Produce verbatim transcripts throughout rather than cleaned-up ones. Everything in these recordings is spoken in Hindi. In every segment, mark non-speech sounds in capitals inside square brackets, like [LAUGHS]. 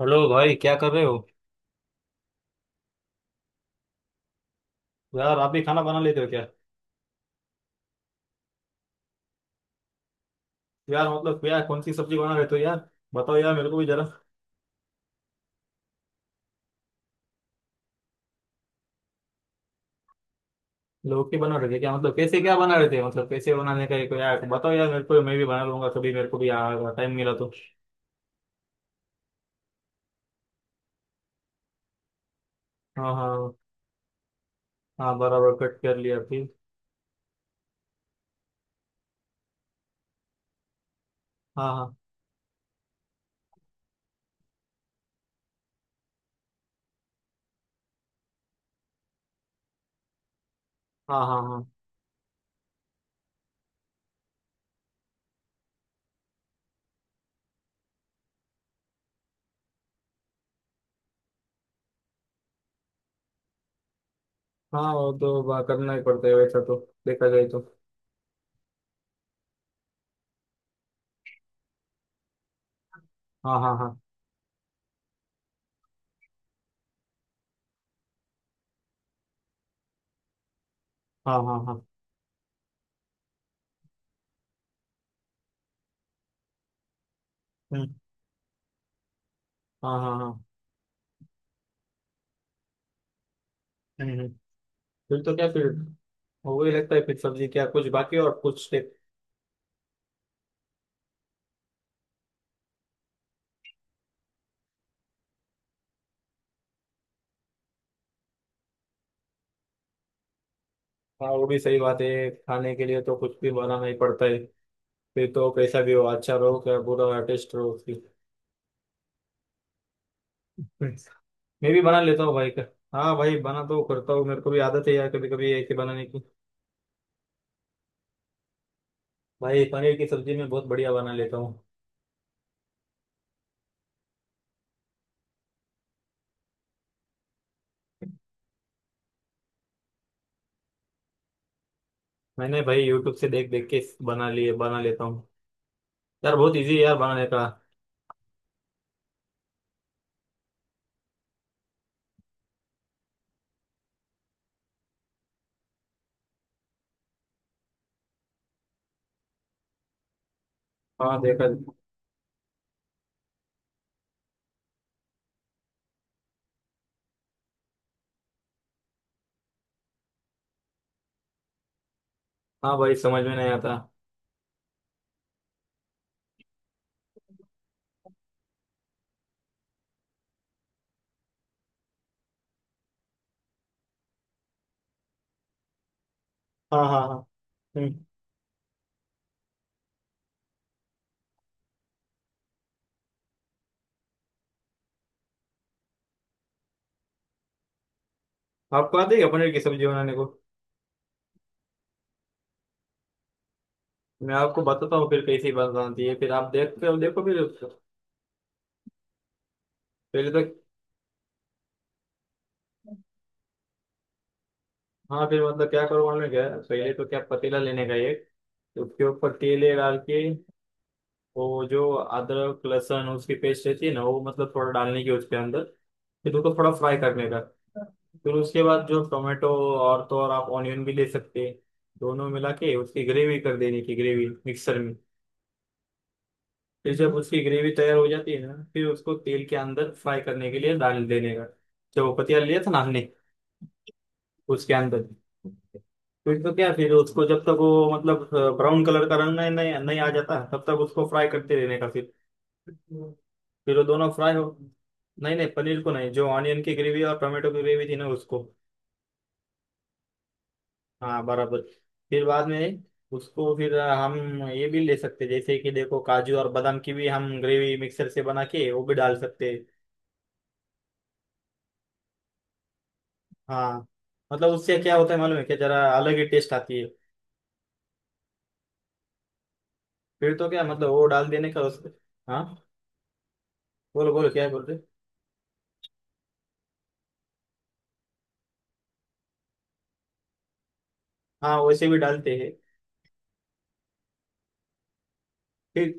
हेलो भाई, क्या कर रहे हो? यार, आप भी खाना बना लेते हो क्या? यार मतलब क्या, कौन सी सब्जी बना लेते हो तो यार? बताओ यार, मेरे को भी जरा। लौकी बना रहे थे क्या? मतलब कैसे क्या बना रहे थे? मतलब कैसे बनाने का एक यार, बताओ यार मेरे को, मैं भी बना लूंगा कभी मेरे को भी यार टाइम मिला तो। हाँ हाँ। हाँ बराबर, कट कर लिया फिर? हाँ हाँ हाँ हाँ। हाँ हाँ, वो तो बा- करना ही पड़ता है वैसा तो। देखा जाए तो। हाँ हाँ हाँ हाँ। हाँ हाँ। हम्म। हाँ हाँ हाँ। हम्म हम्म। फिर तो क्या, फिर वही लगता है फिर? सब्जी क्या कुछ बाकी और कुछ? हाँ, वो भी सही बात है, खाने के लिए तो कुछ भी बनाना ही पड़ता है। फिर तो कैसा भी हो, अच्छा रहो क्या बुरा टेस्ट रहो उसकी। मैं भी बना लेता हूँ भाई का। हाँ भाई, बना तो करता हूँ, मेरे को भी आदत है यार कभी कभी ऐसे बनाने की। भाई पनीर की सब्जी मैं बहुत बढ़िया बना लेता हूँ। मैंने भाई यूट्यूब से देख देख के बना लिए, बना लेता हूँ। यार बहुत इजी है यार बनाने का। हाँ देखा। हाँ भाई, समझ में नहीं आता। हाँ हाँ हाँ। हम्म। आपको आती है क्या पनीर की सब्जी बनाने को? मैं आपको बताता हूँ फिर कैसी बनाती है, फिर आप देखते हो, देखो फिर। पहले तो। हाँ, फिर मतलब क्या करो मालूम है क्या? पहले तो क्या, पतीला लेने का एक। तो उसके ऊपर तेल ये डाल के। वो जो अदरक लहसुन उसकी पेस्ट रहती है ना, वो मतलब थोड़ा डालने की उसके अंदर। फिर उसको थोड़ा फ्राई करने का। फिर उसके बाद जो टोमेटो। और तो और आप ऑनियन भी ले सकते हैं। दोनों मिला के उसकी ग्रेवी कर देने की, ग्रेवी मिक्सर में। फिर जब उसकी ग्रेवी तैयार हो जाती है ना, फिर उसको तेल के अंदर फ्राई करने के लिए डाल देने का। जब वो पतीला लिया था ना हमने। उसके अंदर। फिर तो क्या, फिर उसको जब तक वो मतलब, ब्राउन कलर का रंग नहीं नहीं नहीं आ जाता तब तक उसको फ्राई करते रहने का फिर। फिर वो दोनों फ्राई हो। नहीं नहीं, पनीर को नहीं, जो ऑनियन की ग्रेवी और टोमेटो की ग्रेवी थी ना उसको। हाँ बराबर। फिर बाद में। उसको फिर हम। ये भी ले सकते, जैसे कि देखो काजू और बादाम की भी हम ग्रेवी मिक्सर से बना के वो भी डाल सकते हैं। हाँ मतलब, उससे क्या होता है मालूम है क्या, जरा अलग ही टेस्ट आती है। फिर तो क्या मतलब, वो डाल देने का उसको। हाँ। बोलो बोलो, क्या बोल रहे? हाँ, वैसे भी डालते हैं। फिर।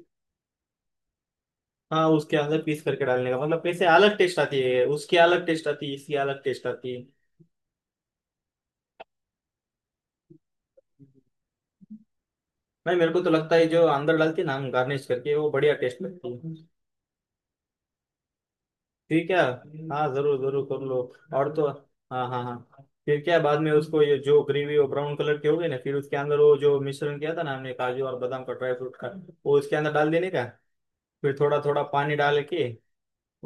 हाँ, उसके अंदर पीस करके डालने का मतलब, वैसे अलग टेस्ट आती है उसकी, अलग टेस्ट आती है इसकी, अलग टेस्ट आती है। नहीं, मेरे को तो लगता है जो अंदर डालती है ना हम गार्निश करके, वो बढ़िया टेस्ट लगती है। ठीक है। हाँ जरूर जरूर कर लो। और तो हाँ हाँ हाँ, फिर क्या बाद में उसको ये जो ग्रेवी वो ब्राउन कलर के हो गए ना, फिर उसके अंदर वो जो मिश्रण किया था ना हमने, काजू और बादाम का ड्राई फ्रूट का। वो उसके अंदर डाल देने का। फिर थोड़ा थोड़ा पानी डाल के।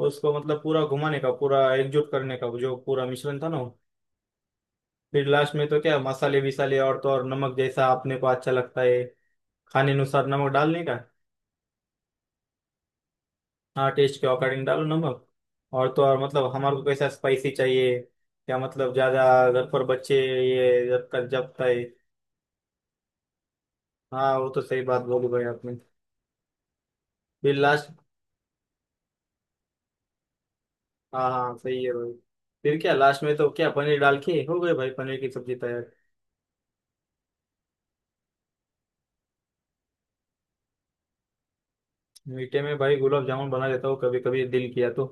उसको मतलब पूरा घुमाने का, पूरा एकजुट करने का जो पूरा मिश्रण था ना वो। फिर लास्ट में तो क्या, मसाले विसाले और तो और नमक जैसा आपने को अच्छा लगता है। खाने अनुसार नमक डालने का। हाँ, टेस्ट के अकॉर्डिंग डालो नमक। और तो और मतलब हमारे को कैसा स्पाइसी चाहिए? क्या मतलब ज्यादा? घर पर बच्चे। ये जब तक जपता है। हाँ, वो तो सही बात बोली भाई आपने। फिर लास्ट। हाँ हाँ, सही है भाई। फिर क्या लास्ट में तो क्या, पनीर डाल के हो गए भाई पनीर की सब्जी तैयार। मीठे में भाई गुलाब जामुन बना लेता हूँ, कभी कभी दिल किया तो।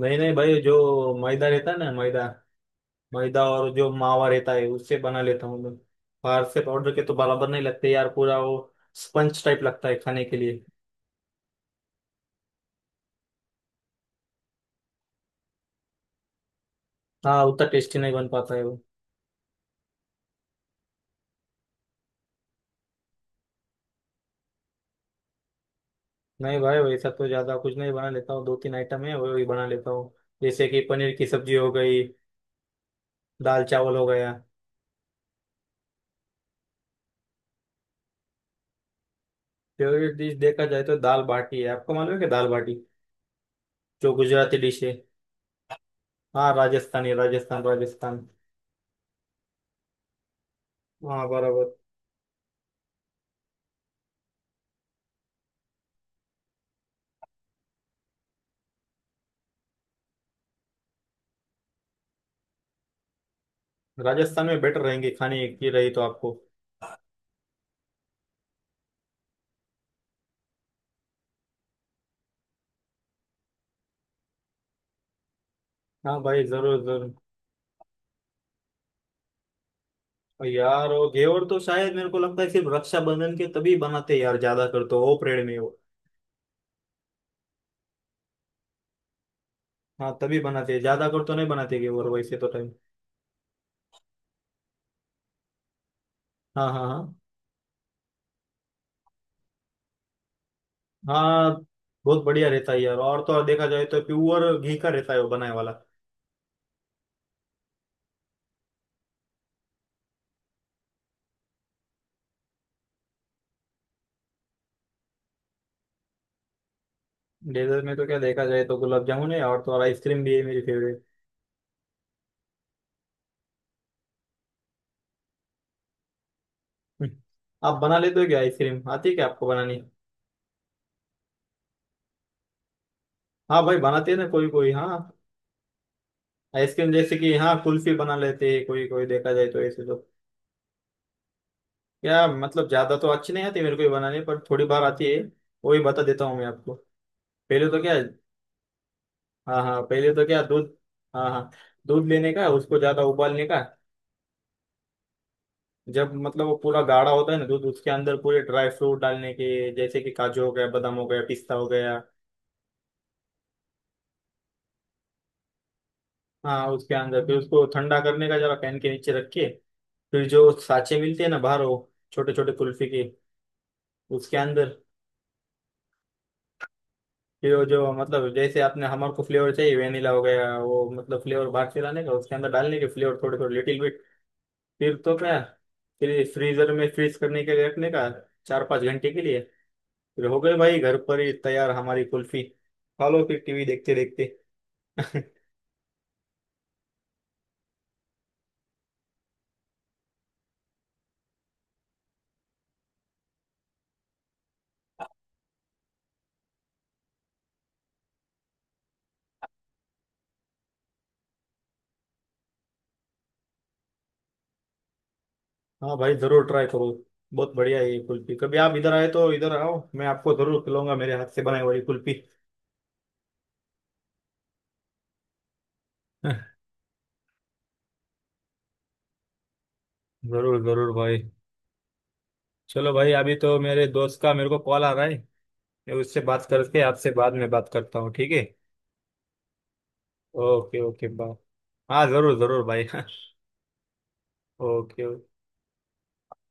नहीं नहीं भाई, जो मैदा रहता है ना, मैदा। मैदा और जो मावा रहता है, उससे बना लेता हूँ मैं। बाहर से पाउडर के तो बराबर नहीं लगते यार, पूरा वो। स्पंज टाइप लगता है खाने के लिए। हाँ उतना टेस्टी नहीं बन पाता है वो। नहीं भाई, वैसा तो ज्यादा कुछ नहीं बना लेता हूँ, दो तीन आइटम है वही बना लेता हूँ। जैसे कि पनीर की सब्जी हो गई। दाल चावल हो गया। फेवरेट डिश देखा जाए तो दाल बाटी है, आपको मालूम है कि दाल बाटी? जो गुजराती डिश है। हाँ राजस्थानी, राजस्थान राजस्थान। हाँ बराबर। राजस्थान में बेटर रहेंगे खाने की रही तो आपको। हाँ भाई जरूर जरूर। यार वो घेवर तो शायद मेरे को लगता है सिर्फ रक्षाबंधन के तभी बनाते हैं यार ज्यादा कर, तो वो परेड में वो। हाँ तभी बनाते हैं ज्यादा कर, तो नहीं बनाते घेवर वैसे तो टाइम। हाँ हाँ हाँ हाँ। बहुत बढ़िया रहता है यार, और तो और देखा जाए तो प्योर घी का रहता है वो बनाने वाला। डेजर्ट में तो क्या देखा जाए तो गुलाब जामुन है, और तो और आइसक्रीम भी है मेरी फेवरेट। हम्म। आप बना लेते हो क्या आइसक्रीम? आती है क्या आपको बनानी? हाँ भाई बनाते हैं ना कोई कोई, हाँ। आइसक्रीम जैसे कि हाँ कुल्फी बना लेते हैं कोई कोई, देखा जाए तो ऐसे तो। या मतलब ज्यादा तो अच्छी नहीं आती मेरे को ये बनाने पर, थोड़ी बार आती है। वो ही बता देता हूँ मैं आपको। पहले तो क्या? हाँ हाँ, पहले तो क्या, दूध। हाँ हाँ। दूध लेने का, उसको ज्यादा उबालने का। जब मतलब वो पूरा गाढ़ा होता है ना दूध, उसके अंदर पूरे ड्राई फ्रूट डालने के, जैसे कि काजू हो गया, बादाम हो गया, पिस्ता हो गया। हाँ उसके अंदर, फिर उसको ठंडा करने का जरा फैन के नीचे रख के। फिर जो साँचे मिलते हैं ना बाहर, वो छोटे छोटे कुल्फी के। उसके अंदर। कि वो जो मतलब जैसे आपने हमारे को फ्लेवर चाहिए, वेनिला हो गया वो मतलब, फ्लेवर बाहर से लाने का उसके अंदर डालने के, फ्लेवर थोड़े थोड़े लिटिल बिट। फिर तो क्या। फिर फ्रीजर में फ्रीज करने के लिए रखने का। चार पाँच घंटे के लिए। फिर हो गए भाई घर पर ही तैयार हमारी कुल्फी। खा लो फिर टीवी देखते देखते। [LAUGHS] हाँ भाई जरूर ट्राई करो। बहुत बढ़िया है ये कुल्फी, कभी आप इधर आए तो इधर आओ, मैं आपको जरूर खिलाऊंगा मेरे हाथ से बनाई हुई कुल्फी। [LAUGHS] जरूर जरूर भाई। चलो भाई, अभी तो मेरे दोस्त का मेरे को कॉल आ रहा है। मैं उससे बात करके आपसे बाद में बात करता हूँ, ठीक है? Okay okay, bye. हाँ जरूर जरूर भाई। [LAUGHS] Okay okay.